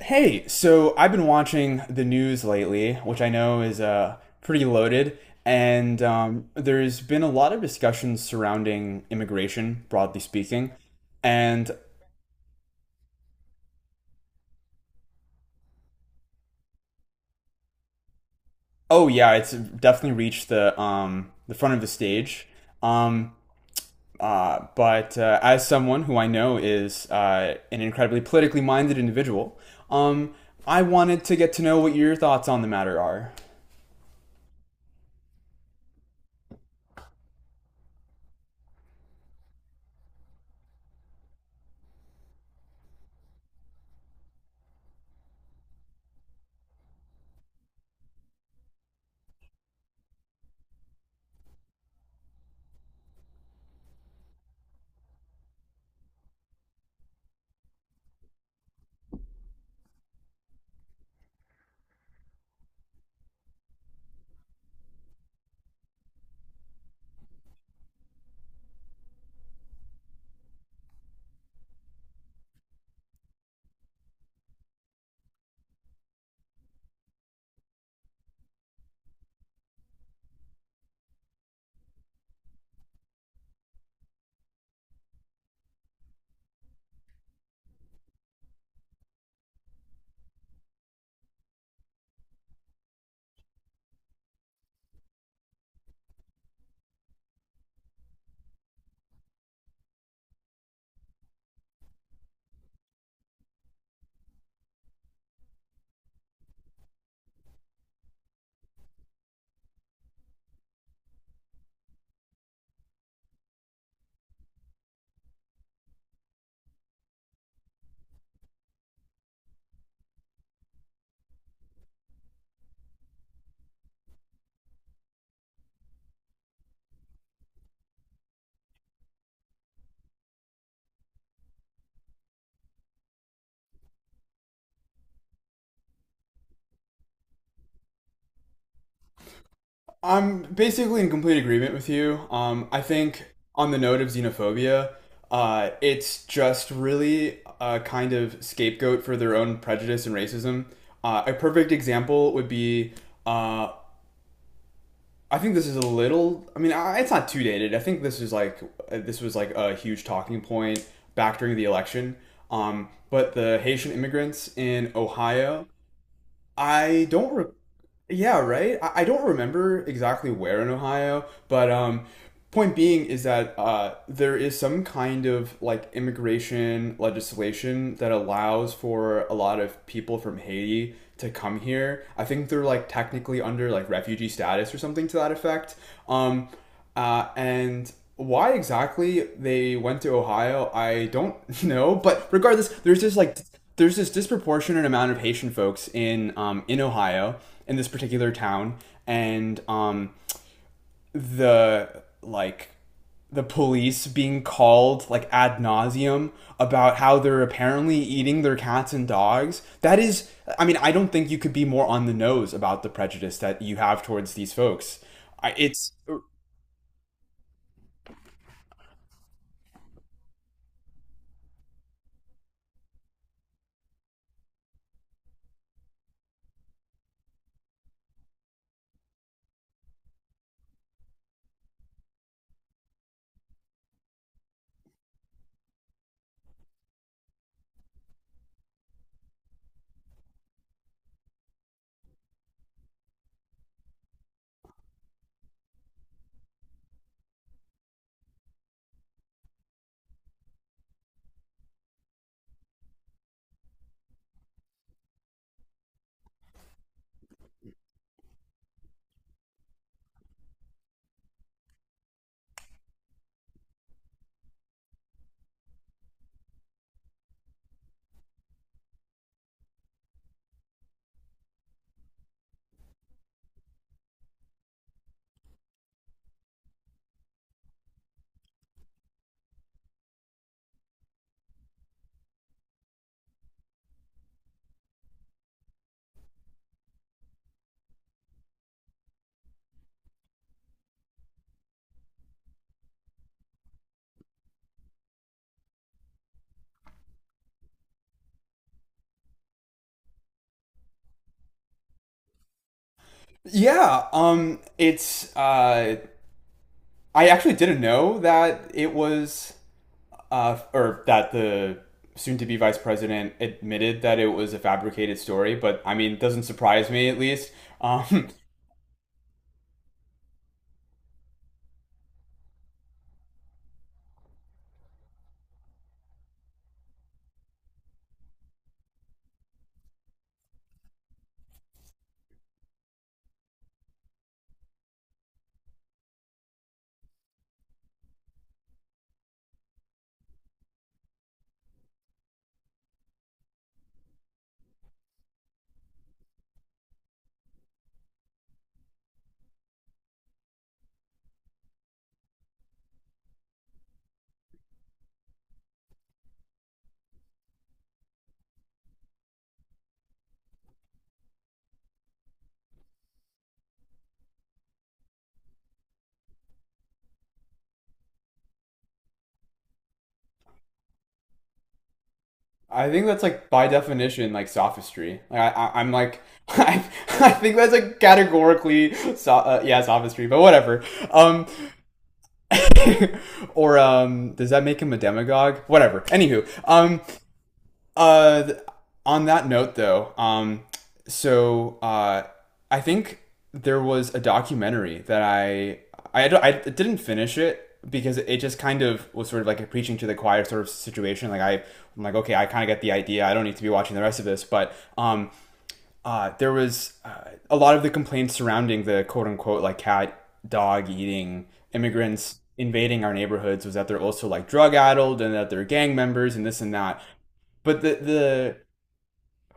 Hey, so I've been watching the news lately, which I know is pretty loaded, and there's been a lot of discussions surrounding immigration, broadly speaking. And oh yeah, it's definitely reached the front of the stage. Um, but As someone who I know is an incredibly politically minded individual, um, I wanted to get to know what your thoughts on the matter are. I'm basically in complete agreement with you. I think on the note of xenophobia, it's just really a kind of scapegoat for their own prejudice and racism. A perfect example would be uh, I think this is a little. I mean, it's not too dated. I think this is like this was like a huge talking point back during the election. But the Haitian immigrants in Ohio, I don't recall yeah, right. I don't remember exactly where in Ohio, but point being is that there is some kind of like immigration legislation that allows for a lot of people from Haiti to come here. I think they're like technically under like refugee status or something to that effect. Um, and why exactly they went to Ohio, I don't know. But regardless, there's this like there's this disproportionate amount of Haitian folks in Ohio in this particular town, and the like the police being called like ad nauseum about how they're apparently eating their cats and dogs. That is, I mean, I don't think you could be more on the nose about the prejudice that you have towards these folks. I- It's Yeah, it's I actually didn't know that it was or that the soon-to-be vice president admitted that it was a fabricated story, but I mean, it doesn't surprise me at least. Um, I think that's like by definition like sophistry. Like I I'm like I, I think that's like categorically so, yeah sophistry, but whatever. Um, or Does that make him a demagogue? Whatever. Anywho, Uh, on that note, though, so uh, I think there was a documentary that I didn't finish it because it just kind of was sort of like a preaching to the choir sort of situation. Like I'm like, okay, I kind of get the idea. I don't need to be watching the rest of this. But there was a lot of the complaints surrounding the quote unquote like cat dog eating immigrants invading our neighborhoods was that they're also like drug addled and that they're gang members and this and that. But the the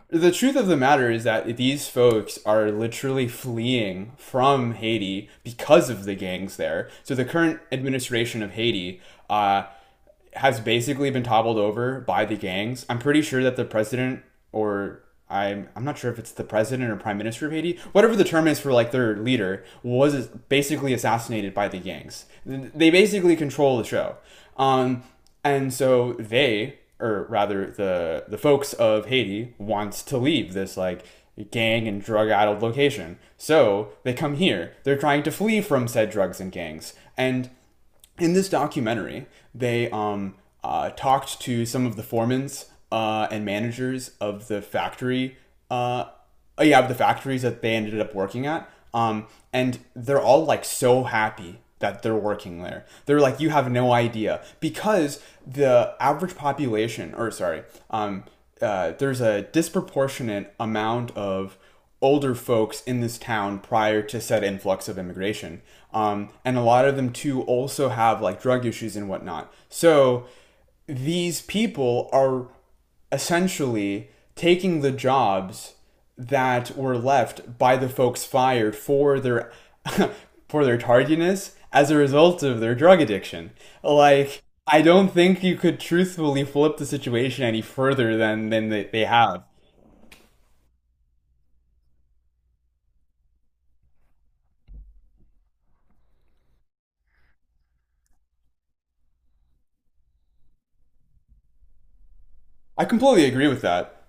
the truth of the matter is that these folks are literally fleeing from Haiti because of the gangs there. So the current administration of Haiti uh, has basically been toppled over by the gangs. I'm pretty sure that the president or I'm not sure if it's the president or prime minister of Haiti, whatever the term is for like their leader, was basically assassinated by the gangs. They basically control the show, um, and so they, or rather the folks of Haiti, wants to leave this like gang and drug addled location. So they come here. They're trying to flee from said drugs and gangs, and in this documentary, they talked to some of the foremans and managers of the factory. Uh, oh, yeah, of the factories that they ended up working at. And they're all like so happy that they're working there. They're like, you have no idea because the average population, or sorry, um, there's a disproportionate amount of older folks in this town prior to said influx of immigration. And a lot of them too also have like drug issues and whatnot. So these people are essentially taking the jobs that were left by the folks fired for their for their tardiness as a result of their drug addiction. Like I don't think you could truthfully flip the situation any further than they have. I completely agree with that.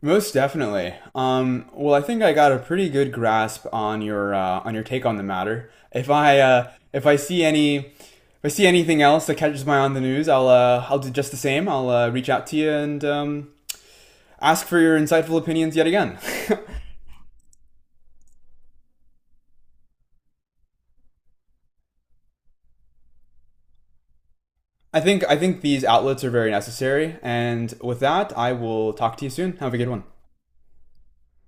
Most definitely. Well, I think I got a pretty good grasp on your take on the matter. If I see anything else that catches my eye on the news, I'll do just the same. I'll reach out to you and ask for your insightful opinions yet again. I think these outlets are very necessary, and with that, I will talk to you soon. Have a good one.